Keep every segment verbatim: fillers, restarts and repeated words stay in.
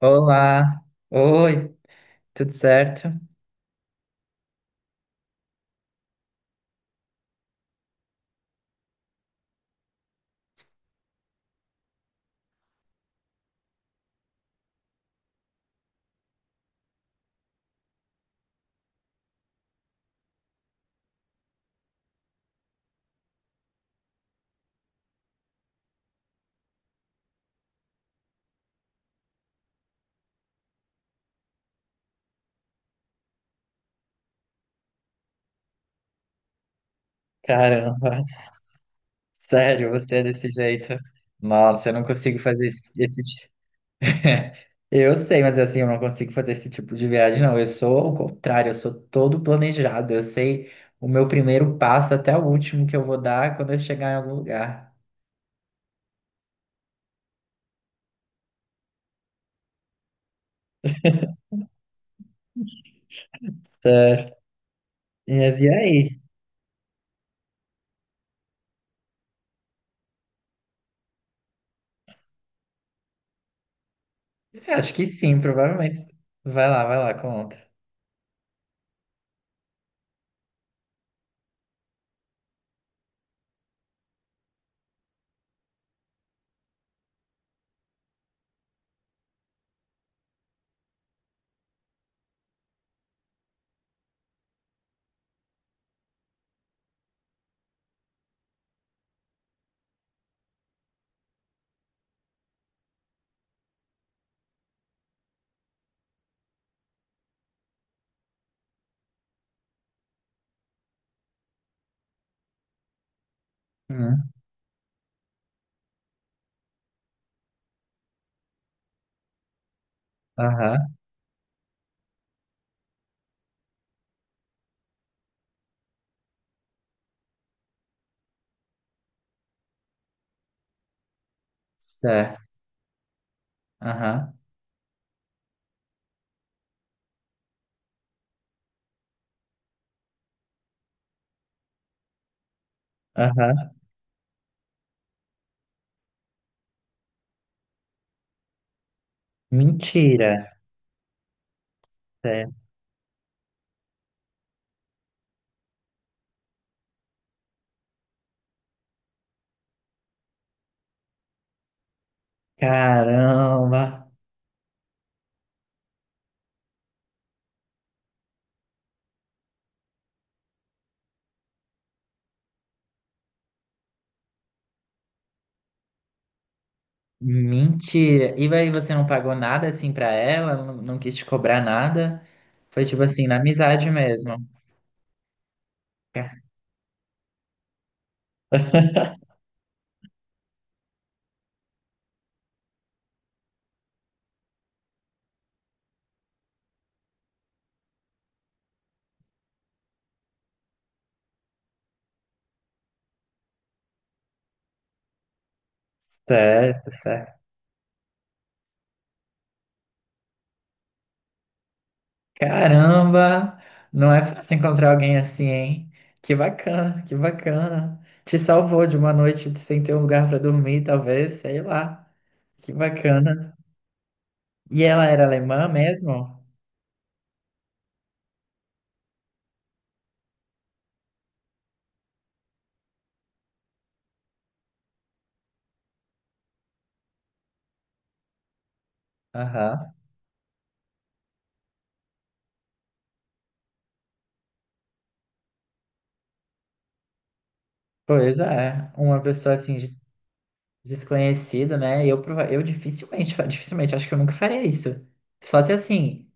Olá, oi, tudo certo? Caramba, sério, você é desse jeito? Nossa, eu não consigo fazer esse, esse tipo. Eu sei, mas assim, eu não consigo fazer esse tipo de viagem, não. Eu sou o contrário, eu sou todo planejado. Eu sei o meu primeiro passo até o último que eu vou dar quando eu chegar em algum lugar. Certo. Mas e aí? É, Acho que sim, provavelmente. Vai lá, vai lá, conta. Hum, Aham, certo. Aham, aham. Mentira. Caramba! Mentira! E aí você não pagou nada assim pra ela? Não, não quis te cobrar nada? Foi tipo assim, na amizade mesmo. Ca- Certo, certo. Caramba! Não é fácil encontrar alguém assim, hein? Que bacana, que bacana. Te salvou de uma noite sem ter um lugar pra dormir, talvez, sei lá. Que bacana. E ela era alemã mesmo? Aham. Pois é. Uma pessoa assim de desconhecido, né? Eu, prova- eu dificilmente, fa- dificilmente, acho que eu nunca faria isso. Só se assim,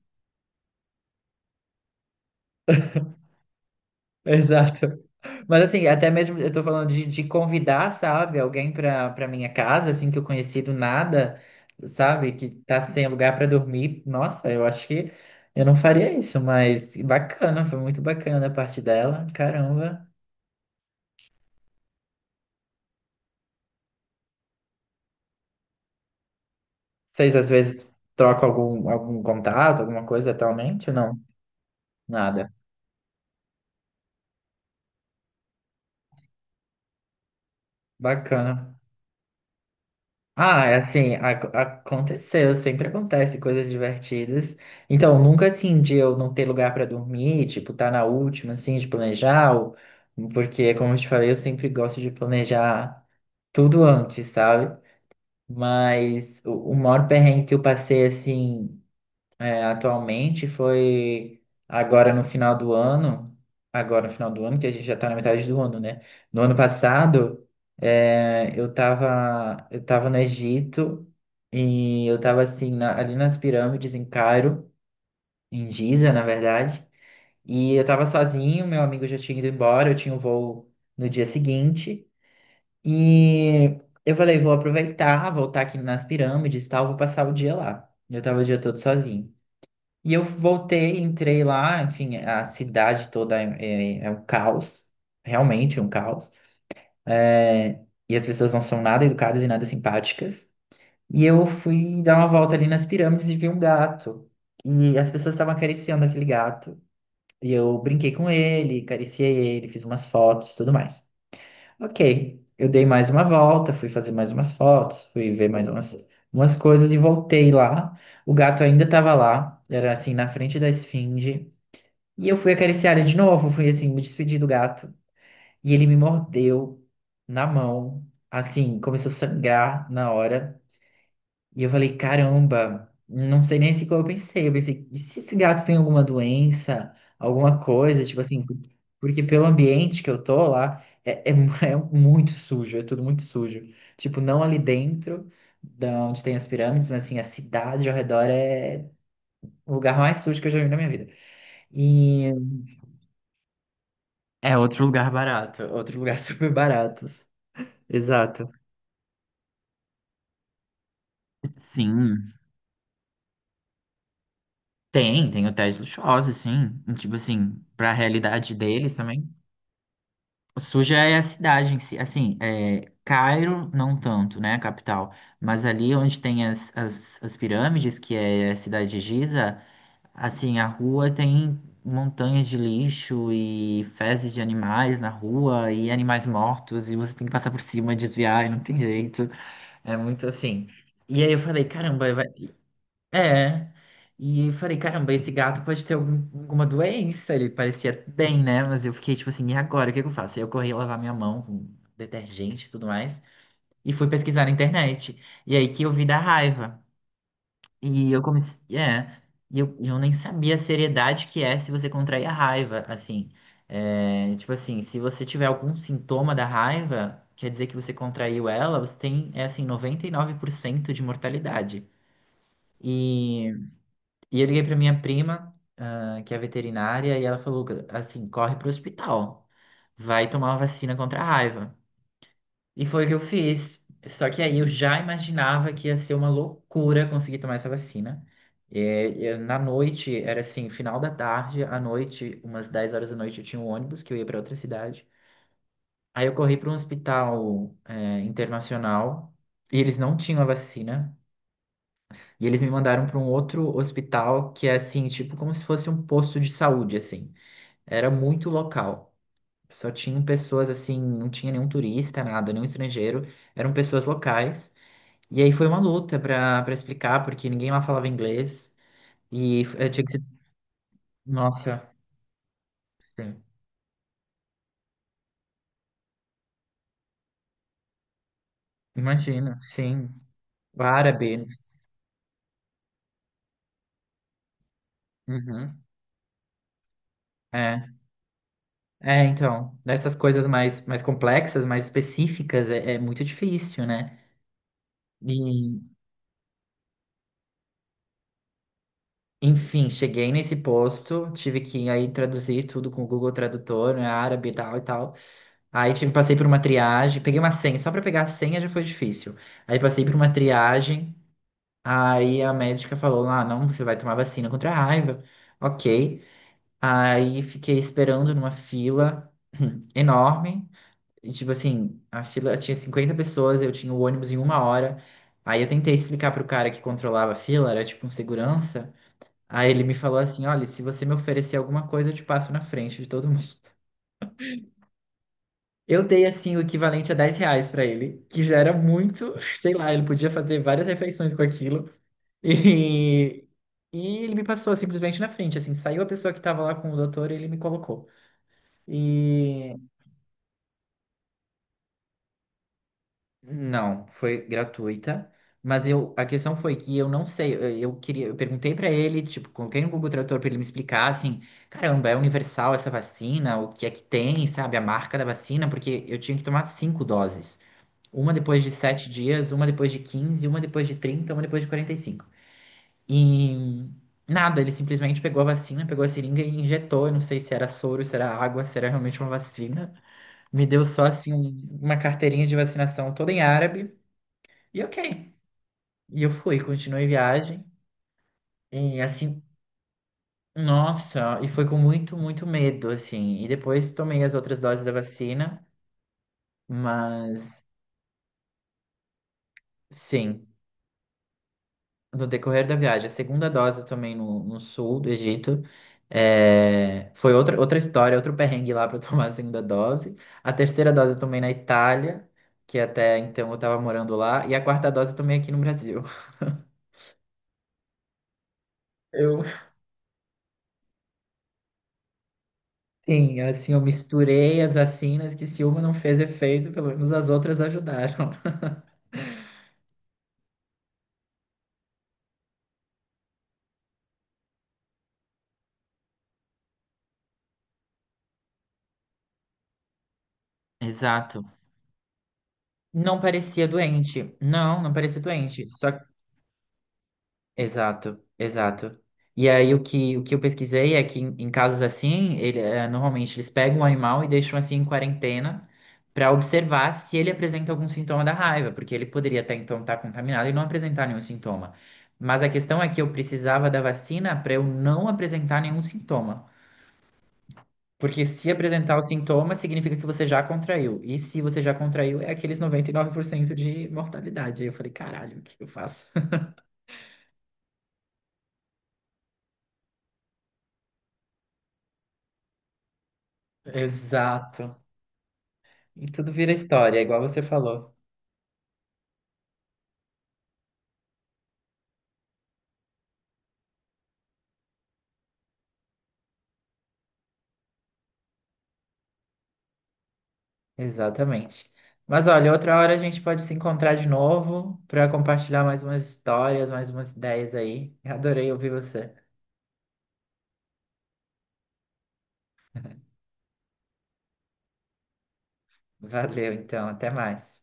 exato. Mas assim, até mesmo eu tô falando de, de convidar, sabe, alguém pra, pra minha casa, assim, que eu conheci do nada, sabe, que tá sem lugar pra dormir. Nossa, eu acho que eu não faria isso, mas bacana, foi muito bacana a parte dela, caramba. Vocês às vezes trocam algum, algum contato, alguma coisa atualmente? Não, nada. Bacana. Ah, é assim, ac- aconteceu, sempre acontece coisas divertidas. Então, nunca assim de eu não ter lugar pra dormir, tipo, tá na última, assim, de planejar, ou- porque, como eu te falei, eu sempre gosto de planejar tudo antes, sabe? Mas o, o maior perrengue que eu passei, assim, é, atualmente foi agora no final do ano, agora no final do ano, que a gente já está na metade do ano, né? No ano passado, é, eu tava, eu tava no Egito e eu tava assim, na- ali nas pirâmides em Cairo, em Giza, na verdade, e eu tava sozinho, meu amigo já tinha ido embora, eu tinha um voo no dia seguinte, e eu falei, vou aproveitar, voltar aqui nas pirâmides e tal, vou passar o dia lá. Eu tava o dia todo sozinho. E eu voltei, entrei lá, enfim, a cidade toda é, é- é um caos, realmente um caos. É, e as pessoas não são nada educadas e nada simpáticas. E eu fui dar uma volta ali nas pirâmides e vi um gato. E as pessoas estavam acariciando aquele gato. E eu brinquei com ele, acariciei ele, fiz umas fotos, tudo mais. Ok, eu dei mais uma volta, fui fazer mais umas fotos, fui ver mais umas, umas coisas e voltei lá. O gato ainda estava lá, era assim, na frente da esfinge. E eu fui acariciar ele de novo, fui assim, me despedir do gato. E ele me mordeu na mão, assim, começou a sangrar na hora. E eu falei, caramba, não sei nem se como eu pensei. Eu pensei, e se esse gato tem alguma doença, alguma coisa, tipo assim, por- porque pelo ambiente que eu tô lá, é, é, mu- é muito sujo, é tudo muito sujo. Tipo, não ali dentro, da onde tem as pirâmides, mas assim, a cidade ao redor é o lugar mais sujo que eu já vi na minha vida. É outro lugar barato, outro lugar super barato. Exato. Sim, tem, tem hotéis luxuosos, sim. E, Tipo assim, pra realidade deles também. Suja é a cidade em si, assim, é, Cairo não tanto, né, a capital, mas ali onde tem as, as, as pirâmides, que é a cidade de Giza, assim, a rua tem montanhas de lixo e fezes de animais na rua e animais mortos e você tem que passar por cima, desviar e não tem jeito. É muito assim. E aí eu falei, caramba, vai, é. E eu falei, caramba, esse gato pode ter algum- alguma doença. Ele parecia bem, né? Mas eu fiquei tipo assim, e agora? O que que eu faço? Aí eu corri lavar minha mão com detergente e tudo mais. E fui pesquisar na internet. E aí que eu vi da raiva. E eu comecei. É, e eu, e eu nem sabia a seriedade que é se você contrair a raiva, assim. É, tipo assim, se você tiver algum sintoma da raiva, quer dizer que você contraiu ela, você tem, é assim, noventa e nove por cento de mortalidade. E, e eu liguei pra minha prima, ah, que é veterinária, e ela falou, assim, corre pro hospital, vai tomar uma vacina contra a raiva. E foi o que eu fiz. Só que aí eu já imaginava que ia ser uma loucura conseguir tomar essa vacina. É, é, na noite, era assim, final da tarde, à noite, umas dez horas da noite, eu tinha um ônibus que eu ia para outra cidade. Aí eu corri para um hospital, é, internacional e eles não tinham a vacina. E eles me mandaram para um outro hospital que é assim, tipo, como se fosse um posto de saúde, assim. Era muito local. Só tinham pessoas assim, não tinha nenhum turista, nada, nenhum estrangeiro. Eram pessoas locais. E aí foi uma luta pra para explicar, porque ninguém lá falava inglês. E eu tinha que ser. Nossa, sim. Imagina, sim. O árabe. Uhum. É. É, então. Dessas coisas mais, mais complexas, mais específicas, é, é muito difícil, né? E, enfim, cheguei nesse posto, tive que aí traduzir tudo com o Google Tradutor, né, árabe e tal e tal. Aí tive, passei por uma triagem, peguei uma senha, só para pegar a senha já foi difícil. Aí passei por uma triagem. Aí a médica falou: Ah, não, você vai tomar vacina contra a raiva. Ok. Aí fiquei esperando numa fila enorme. E, tipo assim, a fila tinha cinquenta pessoas, eu tinha o ônibus em uma hora. Aí eu tentei explicar pro cara que controlava a fila, era tipo um segurança. Aí ele me falou assim: Olha, se você me oferecer alguma coisa, eu te passo na frente de todo mundo. Eu dei assim o equivalente a dez reais pra ele, que já era muito, sei lá, ele podia fazer várias refeições com aquilo. E, e ele me passou simplesmente na frente, assim, saiu a pessoa que estava lá com o doutor e ele me colocou. E não, foi gratuita, mas eu, a questão foi que eu não sei, eu, eu queria, eu perguntei pra ele, tipo, coloquei no Google Tradutor pra ele me explicar, assim, caramba, é universal essa vacina, o que é que tem, sabe, a marca da vacina, porque eu tinha que tomar cinco doses. Uma depois de sete dias, uma depois de quinze, uma depois de trinta, uma depois de quarenta e cinco. E nada, ele simplesmente pegou a vacina, pegou a seringa e injetou. Eu não sei se era soro, se era água, se era realmente uma vacina. Me deu só assim um- uma carteirinha de vacinação toda em árabe. E ok. E eu fui, continuei viagem. E assim, nossa, e foi com muito, muito medo, assim. E depois tomei as outras doses da vacina, mas sim. No decorrer da viagem. A segunda dose também no, no sul do Egito. É, foi outra, outra história, outro perrengue lá para eu tomar a segunda dose. A terceira dose também na Itália, que até então eu tava morando lá. E a quarta dose também aqui no Brasil. Eu, sim, assim, eu misturei as vacinas, que se uma não fez efeito, pelo menos as outras ajudaram. Exato. Não parecia doente. Não, não parecia doente. Só. Exato, exato. E aí o que, o que eu pesquisei é que em, em casos assim, ele, eh, normalmente eles pegam o animal e deixam assim em quarentena para observar se ele apresenta algum sintoma da raiva, porque ele poderia até então estar contaminado e não apresentar nenhum sintoma. Mas a questão é que eu precisava da vacina para eu não apresentar nenhum sintoma. Porque se apresentar o sintoma, significa que você já contraiu. E se você já contraiu, é aqueles noventa e nove por cento de mortalidade. Aí eu falei, caralho, o que eu faço? Exato. E tudo vira história, igual você falou. Exatamente. Mas olha, outra hora a gente pode se encontrar de novo para compartilhar mais umas histórias, mais umas ideias aí. Adorei ouvir você. Valeu, então, até mais.